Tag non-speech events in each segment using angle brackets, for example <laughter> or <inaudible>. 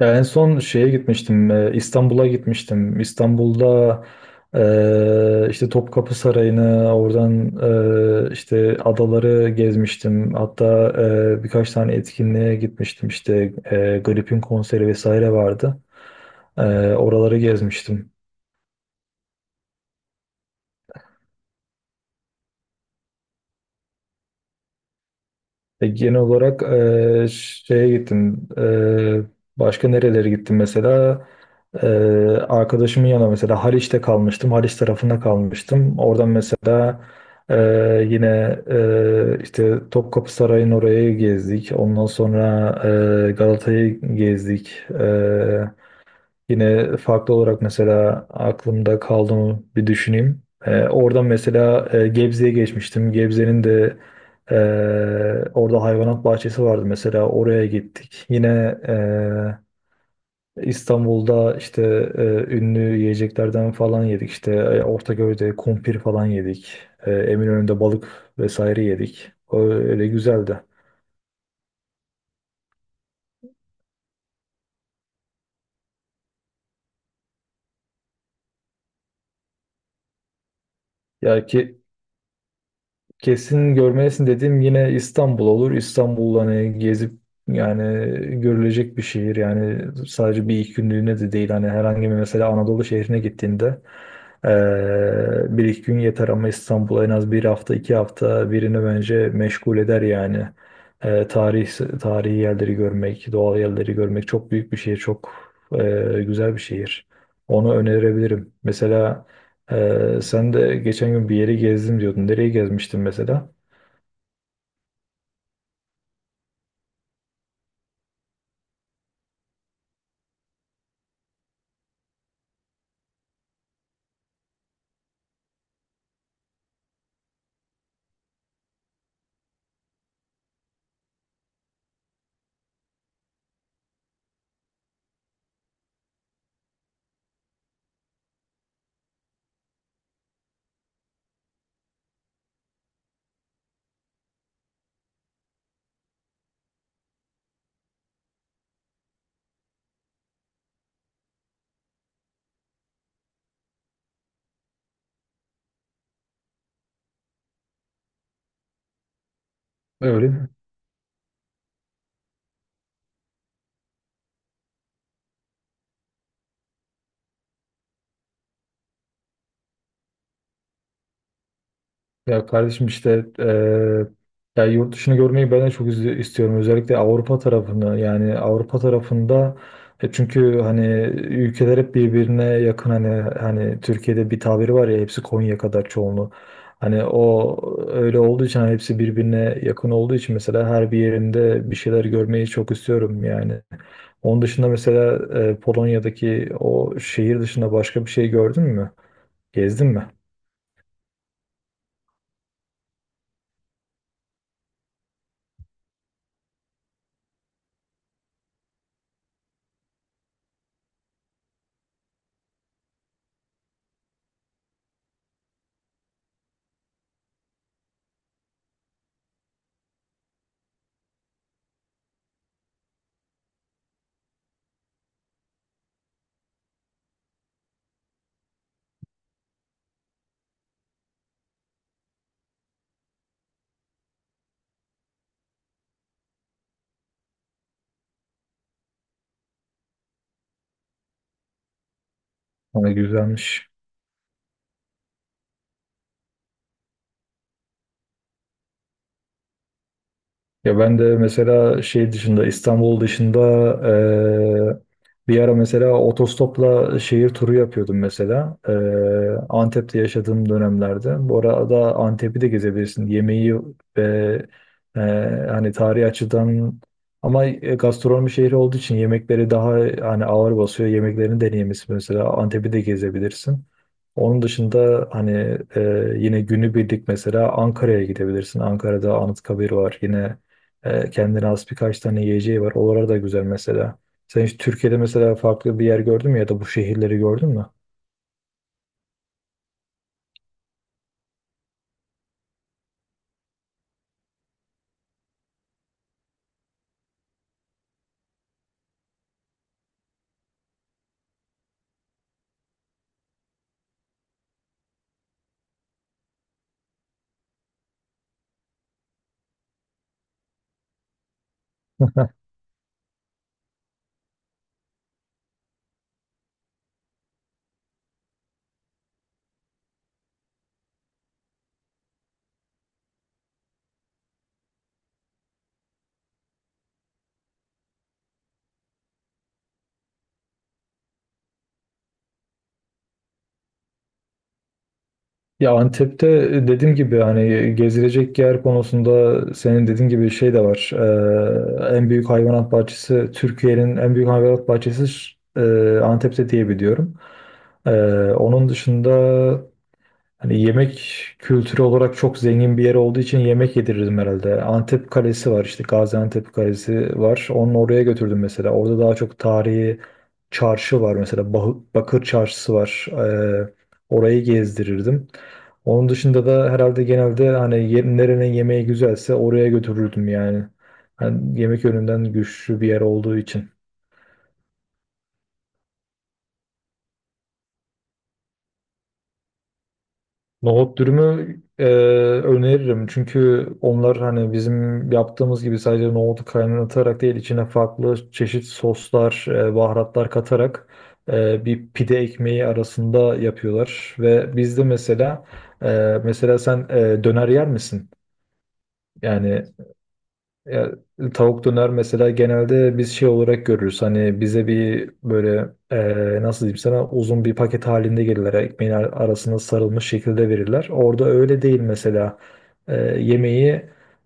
Ya en son İstanbul'a gitmiştim. İstanbul'da işte Topkapı Sarayı'nı, oradan işte adaları gezmiştim. Hatta birkaç tane etkinliğe gitmiştim. İşte Grip'in konseri vesaire vardı. E, Oraları gezmiştim. Genel olarak başka nerelere gittim mesela? E, Arkadaşımın yanına mesela Haliç'te kalmıştım. Haliç tarafında kalmıştım. Oradan mesela e, yine işte Topkapı Sarayı'nın orayı gezdik. Ondan sonra Galata'yı gezdik. Yine farklı olarak mesela aklımda kaldı mı bir düşüneyim. Oradan mesela Gebze'ye geçmiştim. Gebze'nin de e, orada hayvanat bahçesi vardı, mesela oraya gittik. Yine İstanbul'da işte e, ünlü yiyeceklerden falan yedik. İşte Ortaköy'de kumpir falan yedik. Eminönü'nde balık vesaire yedik. Öyle güzeldi. Ya ki Kesin görmelisin dediğim yine İstanbul olur. İstanbul hani gezip yani görülecek bir şehir. Yani sadece bir iki günlüğüne de değil. Hani herhangi bir mesela Anadolu şehrine gittiğinde bir iki gün yeter ama İstanbul en az bir hafta iki hafta birini bence meşgul eder yani. Eee, tarih, Tarihi yerleri görmek, doğal yerleri görmek, çok büyük bir şehir. Çok güzel bir şehir. Onu önerebilirim. Mesela sen de geçen gün bir yeri gezdim diyordun. Nereye gezmiştin mesela? Öyle. Ya kardeşim, işte ya, yurt dışını görmeyi ben de çok istiyorum. Özellikle Avrupa tarafını, yani Avrupa tarafında, e çünkü hani, ülkeler hep birbirine yakın. Hani Türkiye'de bir tabiri var ya, hepsi Konya kadar çoğunluğu. Hani o, öyle olduğu için, hani hepsi birbirine yakın olduğu için mesela her bir yerinde bir şeyler görmeyi çok istiyorum yani. Onun dışında mesela Polonya'daki o şehir dışında başka bir şey gördün mü? Gezdin mi? Hani güzelmiş. Ya ben de mesela şey dışında İstanbul dışında, eee, bir ara mesela otostopla şehir turu yapıyordum mesela. Antep'te yaşadığım dönemlerde. Bu arada Antep'i de gezebilirsin. Yemeği ve hani tarihi açıdan ama gastronomi şehri olduğu için yemekleri daha hani ağır basıyor. Yemeklerini deneyimlisi, mesela Antep'i de gezebilirsin. Onun dışında hani yine günübirlik mesela Ankara'ya gidebilirsin. Ankara'da Anıtkabir var. Yine kendine has birkaç tane yiyeceği var. Oralar da güzel mesela. Sen hiç Türkiye'de mesela farklı bir yer gördün mü ya da bu şehirleri gördün mü? Ya Antep'te dediğim gibi hani gezilecek yer konusunda senin dediğin gibi şey de var. En büyük hayvanat bahçesi Türkiye'nin en büyük hayvanat bahçesi e, Antep'te diye biliyorum. Ee, Onun dışında hani yemek kültürü olarak çok zengin bir yer olduğu için yemek yedirirdim herhalde. Antep Kalesi var, işte Gaziantep Kalesi var. Onu oraya götürdüm mesela. Orada daha çok tarihi çarşı var mesela. Bakır Çarşısı var. Orayı gezdirirdim. Onun dışında da herhalde genelde hani nerenin yemeği güzelse oraya götürürdüm yani. Hani yemek yönünden güçlü bir yer olduğu için. Nohut dürümü öneririm. Çünkü onlar hani bizim yaptığımız gibi sadece nohutu kaynatarak değil, içine farklı çeşit soslar, baharatlar katarak bir pide ekmeği arasında yapıyorlar. Ve bizde mesela, e, mesela sen döner yer misin? Yani ya, Tavuk döner mesela genelde biz şey olarak görürüz. Hani bize bir böyle, nasıl diyeyim sana, uzun bir paket halinde gelirler. Ekmeğin arasına sarılmış şekilde verirler. Orada öyle değil mesela. Eee, yemeği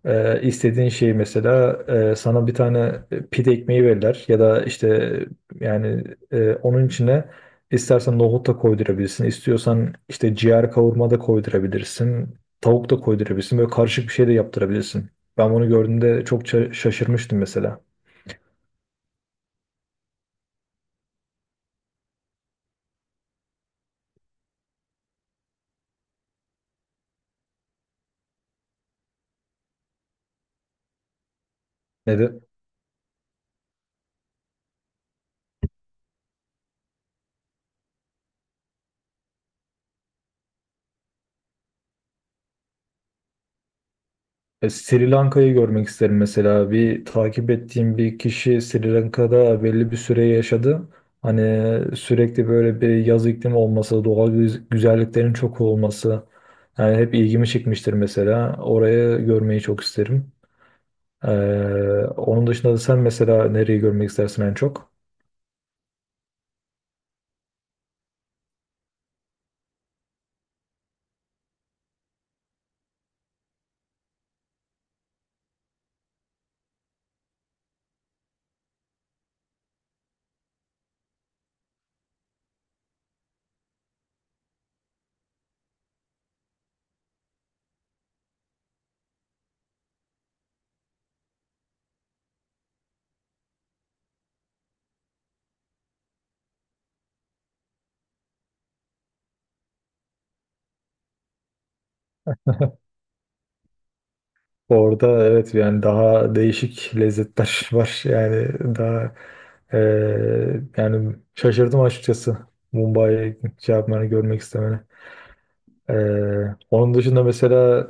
istediğin şeyi, mesela sana bir tane pide ekmeği verirler. Ya da işte yani, onun içine istersen nohut da koydurabilirsin. İstiyorsan işte ciğer kavurma da koydurabilirsin. Tavuk da koydurabilirsin. Böyle karışık bir şey de yaptırabilirsin. Ben bunu gördüğümde çok şaşırmıştım mesela. Neden? Sri Lanka'yı görmek isterim mesela. Bir takip ettiğim bir kişi Sri Lanka'da belli bir süre yaşadı. Hani sürekli böyle bir yaz iklimi olması, doğal güzelliklerin çok olması. Yani hep ilgimi çekmiştir mesela. Orayı görmeyi çok isterim. Ee, Onun dışında da sen mesela nereyi görmek istersin en çok? Orada evet, yani daha değişik lezzetler <laughs> var. Yani daha yani şaşırdım açıkçası. Mumbai'ye şey yapmanı, görmek istemene. Onun dışında mesela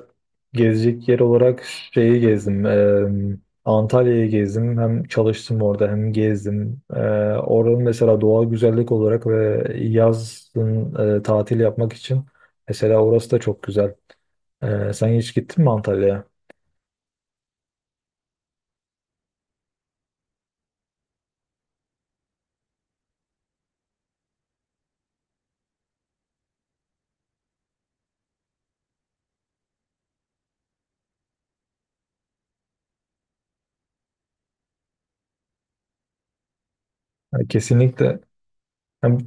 gezecek yer olarak şeyi gezdim. Antalya'yı gezdim. Hem çalıştım orada hem gezdim. Oranın mesela doğal güzellik olarak ve yazın tatil yapmak için mesela orası da çok güzel. Sen hiç gittin mi Antalya'ya? Yani kesinlikle. Hem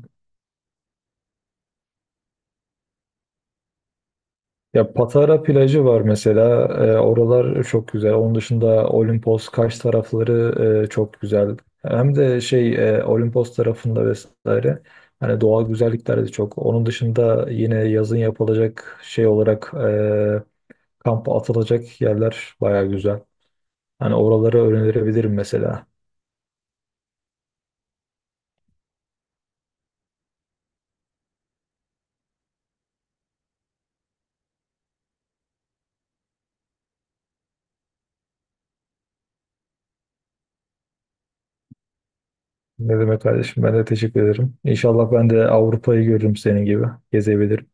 Ya Patara plajı var mesela. Oralar çok güzel. Onun dışında Olimpos, Kaş tarafları çok güzel. Hem de Olimpos tarafında vesaire. Hani doğal güzellikler de çok. Onun dışında yine yazın yapılacak şey olarak kampa atılacak yerler baya güzel. Hani oraları öğrenebilirim mesela. Ne demek kardeşim, ben de teşekkür ederim. İnşallah ben de Avrupa'yı görürüm senin gibi. Gezebilirim.